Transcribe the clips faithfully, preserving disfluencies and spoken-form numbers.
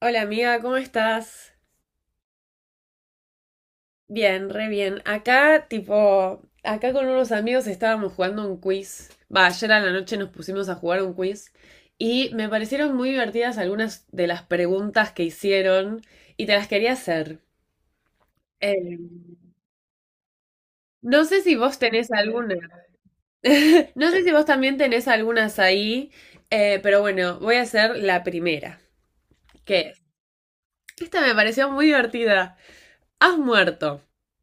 Hola amiga, ¿cómo estás? Bien, re bien. Acá, tipo, acá con unos amigos estábamos jugando un quiz. Va, ayer a la noche nos pusimos a jugar un quiz y me parecieron muy divertidas algunas de las preguntas que hicieron y te las quería hacer. Eh, no sé si vos tenés alguna. No sé si vos también tenés algunas ahí, eh, pero bueno, voy a hacer la primera, que es. Esta me pareció muy divertida. ¿Has muerto?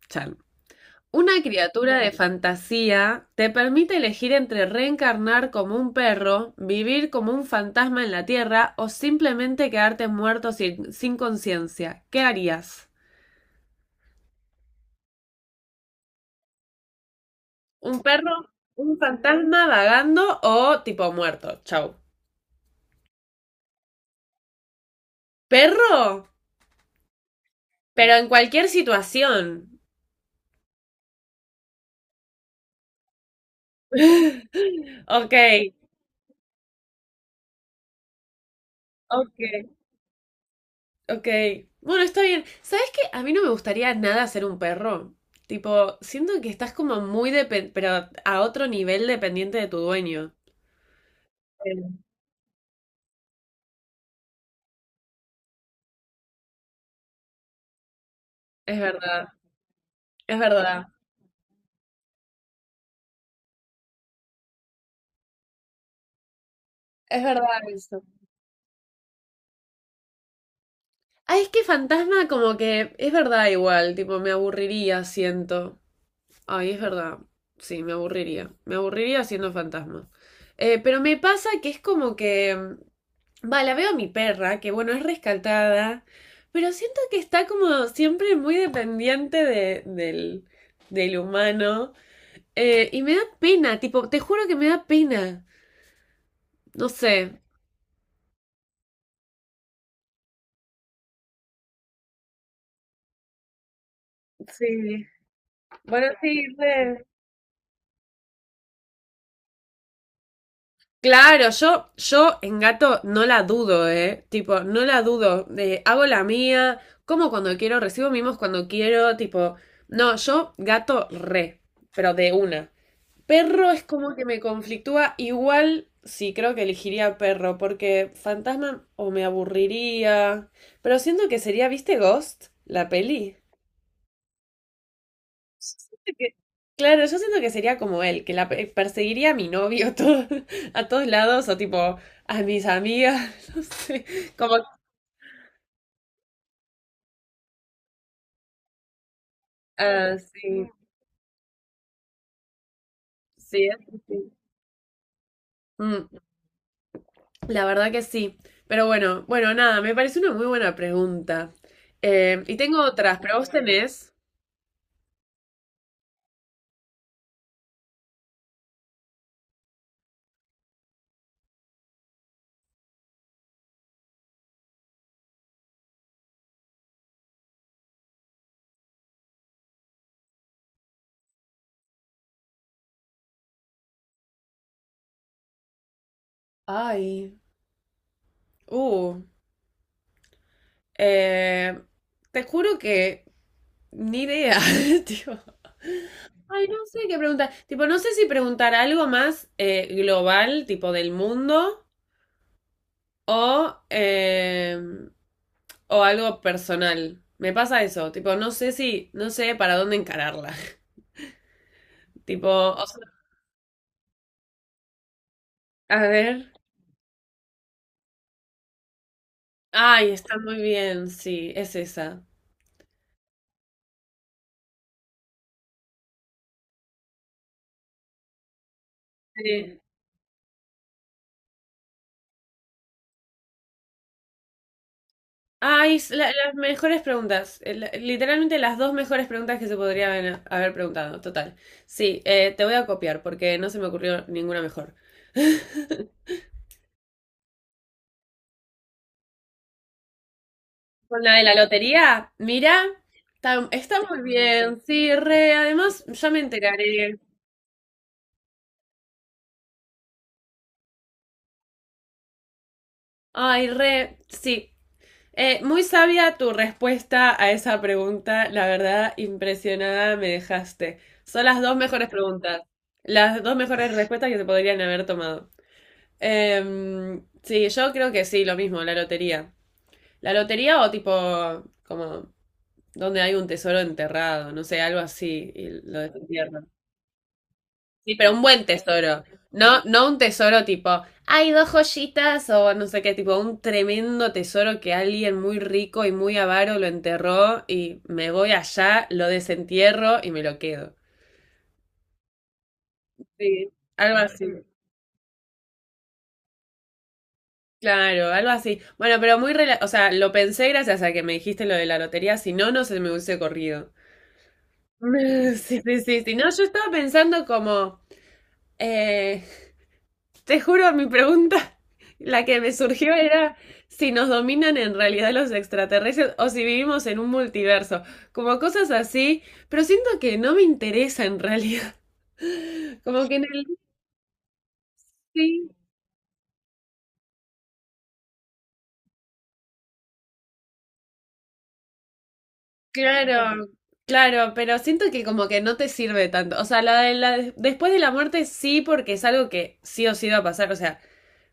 Chan. Una criatura de fantasía te permite elegir entre reencarnar como un perro, vivir como un fantasma en la tierra o simplemente quedarte muerto sin, sin conciencia. ¿Qué harías? ¿Un perro? ¿Un fantasma vagando o tipo muerto? Chau. ¿Perro? Pero en cualquier situación. Ok, ok. Ok. Bueno, está bien. ¿Sabes qué? A mí no me gustaría nada ser un perro. Tipo, siento que estás como muy dependiente, pero a otro nivel dependiente de tu dueño. Eh, Es verdad, es verdad, es verdad eso. Ay, es que fantasma como que es verdad igual, tipo, me aburriría, siento. Ay, es verdad. Sí, me aburriría. Me aburriría siendo fantasma. Eh, pero me pasa que es como que, mm, va, la veo a mi perra, que bueno, es rescatada. Pero siento que está como siempre muy dependiente de- del, del humano. Eh, y me da pena, tipo, te juro que me da pena. No sé. Sí. Bueno, sí, re. Claro, yo, yo en gato no la dudo, ¿eh? Tipo, no la dudo. Eh, hago la mía, como cuando quiero, recibo mimos cuando quiero, tipo. No, yo gato re, pero de una. Perro es como que me conflictúa. Igual sí, creo que elegiría perro, porque fantasma o me aburriría. Pero siento que sería, ¿viste Ghost? La peli. Que- Claro, yo siento que sería como él, que la pe- perseguiría a mi novio a todo- a todos lados o tipo a mis amigas, no sé, como... ah, sí, sí. es- mm, la verdad que sí. Pero bueno, bueno, nada, me parece una muy buena pregunta. Eh, y tengo otras, pero vos tenés... Ay, uh, eh, te juro que ni idea, tío. Ay, no sé qué preguntar. Tipo, no sé si preguntar algo más eh, global, tipo del mundo, O, eh, o algo personal. Me pasa eso, tipo, no sé si, no sé para dónde encararla. Tipo, o sea, a ver. Ay, está muy bien, sí, es esa. Sí. Ay, es la- las mejores preguntas. eh, la- Literalmente las dos mejores preguntas que se podrían haber haber preguntado, total. Sí, eh, te voy a copiar porque no se me ocurrió ninguna mejor. Con la de la lotería, mira, está, está muy bien, sí, re, además ya me enteraré. Ay, re, sí. Eh, muy sabia tu respuesta a esa pregunta. La verdad, impresionada me dejaste. Son las dos mejores preguntas. Las dos mejores respuestas que se podrían haber tomado. Em, sí, yo creo que sí, lo mismo, la lotería. La lotería o tipo, como, donde hay un tesoro enterrado, no sé, algo así, y lo de... Sí, pero un buen tesoro. No, no un tesoro tipo, hay dos joyitas o no sé qué, tipo un tremendo tesoro que alguien muy rico y muy avaro lo enterró y me voy allá, lo desentierro y me lo quedo. Sí, algo así. Claro, algo así. Bueno, pero muy, rela- o sea, lo pensé gracias a que me dijiste lo de la lotería, si no, no se me hubiese corrido. Sí, sí, sí, sí. No, yo estaba pensando como, eh, te juro, mi pregunta, la que me surgió era si nos dominan en realidad los extraterrestres o si vivimos en un multiverso, como cosas así, pero siento que no me interesa en realidad, como que en el... sí, claro, claro, pero siento que como que no te sirve tanto, o sea, la de la de- después de la muerte sí porque es algo que sí o sí va a pasar, o sea,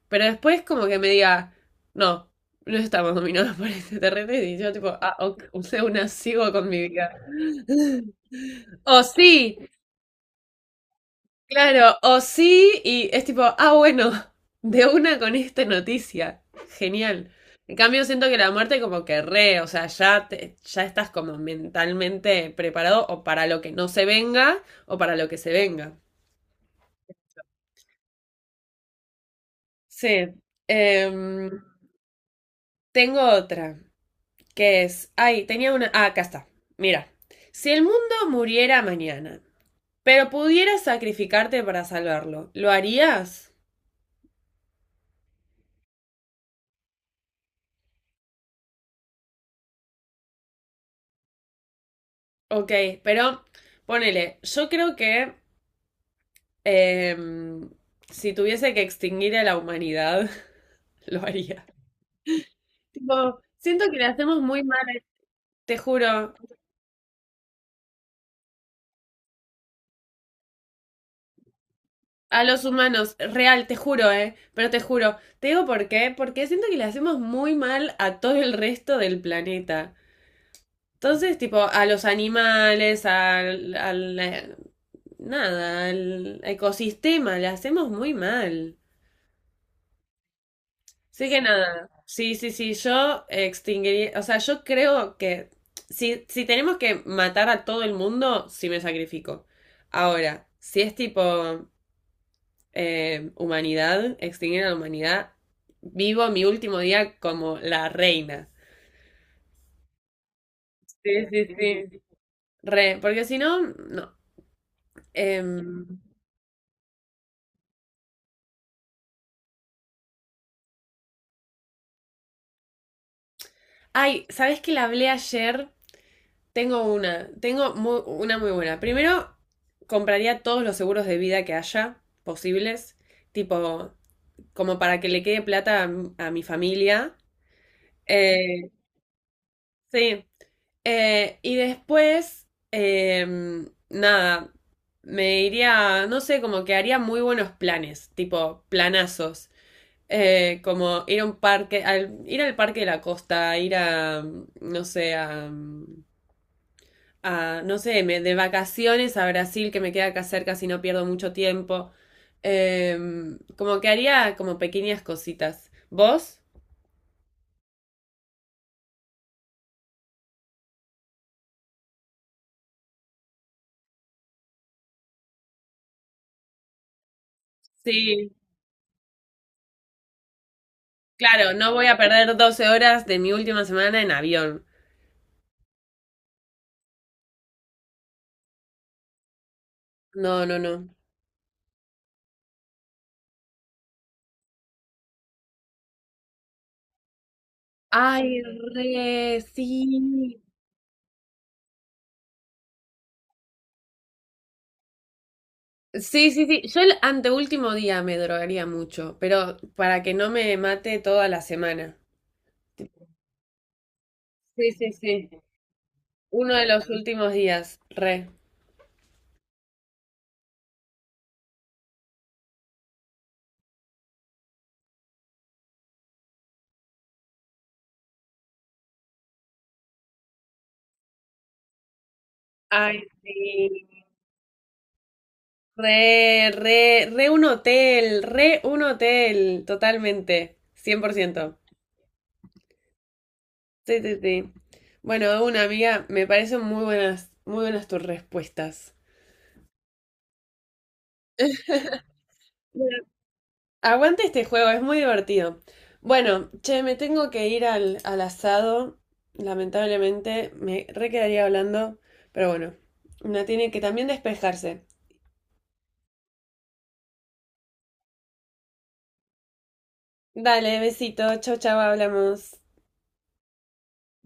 pero después como que me diga, no, no estamos dominados por extraterrestres y yo tipo, ah, ok, o sea, una sigo con mi vida. O sí, claro, o sí, y es tipo, ah, bueno, de una con esta noticia. Genial. En cambio, siento que la muerte como que re, o sea, ya, te- ya estás como mentalmente preparado o para lo que no se venga o para lo que se venga. Sí. Em, tengo otra, que es, ay, tenía una, ah, acá está. Mira, si el mundo muriera mañana, pero pudieras sacrificarte para salvarlo, ¿lo harías? Ok, pero ponele, yo creo que em, si tuviese que extinguir a la humanidad, lo haría. Tipo, siento que le hacemos muy mal, eh, te juro, a los humanos, real, te juro, eh, pero te juro, te digo por qué, porque siento que le hacemos muy mal a todo el resto del planeta. Entonces, tipo, a los animales, al, al, eh, nada, al ecosistema, le hacemos muy mal. Sí que nada. Sí, sí, sí. Yo extinguiría. O sea, yo creo que si, si tenemos que matar a todo el mundo, sí me sacrifico. Ahora, si es tipo eh, humanidad, extinguir a la humanidad, vivo mi último día como la reina. Sí, sí, sí. Re, porque si no, no. Em, ay, ¿sabes que la hablé ayer? Tengo una, tengo muy- una muy buena. Primero, compraría todos los seguros de vida que haya posibles, tipo, como para que le quede plata a, m- a mi familia. Eh, sí. Eh, y después, em, nada, me iría, no sé, como que haría muy buenos planes, tipo planazos. Eh, como ir a un parque, al- ir al parque de la costa, ir a, no sé, a... a, no sé, me, de vacaciones a Brasil, que me queda acá cerca si no pierdo mucho tiempo. Em, como que haría como pequeñas cositas. ¿Vos? Sí, claro, no voy a perder doce horas de mi última semana en avión. No, no, no. Ay, re, sí. Sí, sí, sí. Yo el anteúltimo día me drogaría mucho, pero para que no me mate toda la semana. Sí, sí, sí. Uno de los últimos días, re. Ay, sí. Re, re, re un hotel, re un hotel, totalmente, cien por ciento. Sí, sí, sí. Bueno, de una amiga, me parecen muy buenas, muy buenas tus respuestas. Bueno. Aguante este juego, es muy divertido. Bueno, che, me tengo que ir al, al asado, lamentablemente, me re quedaría hablando, pero bueno, una tiene que también despejarse. Dale, besito, chau, chau, hablamos.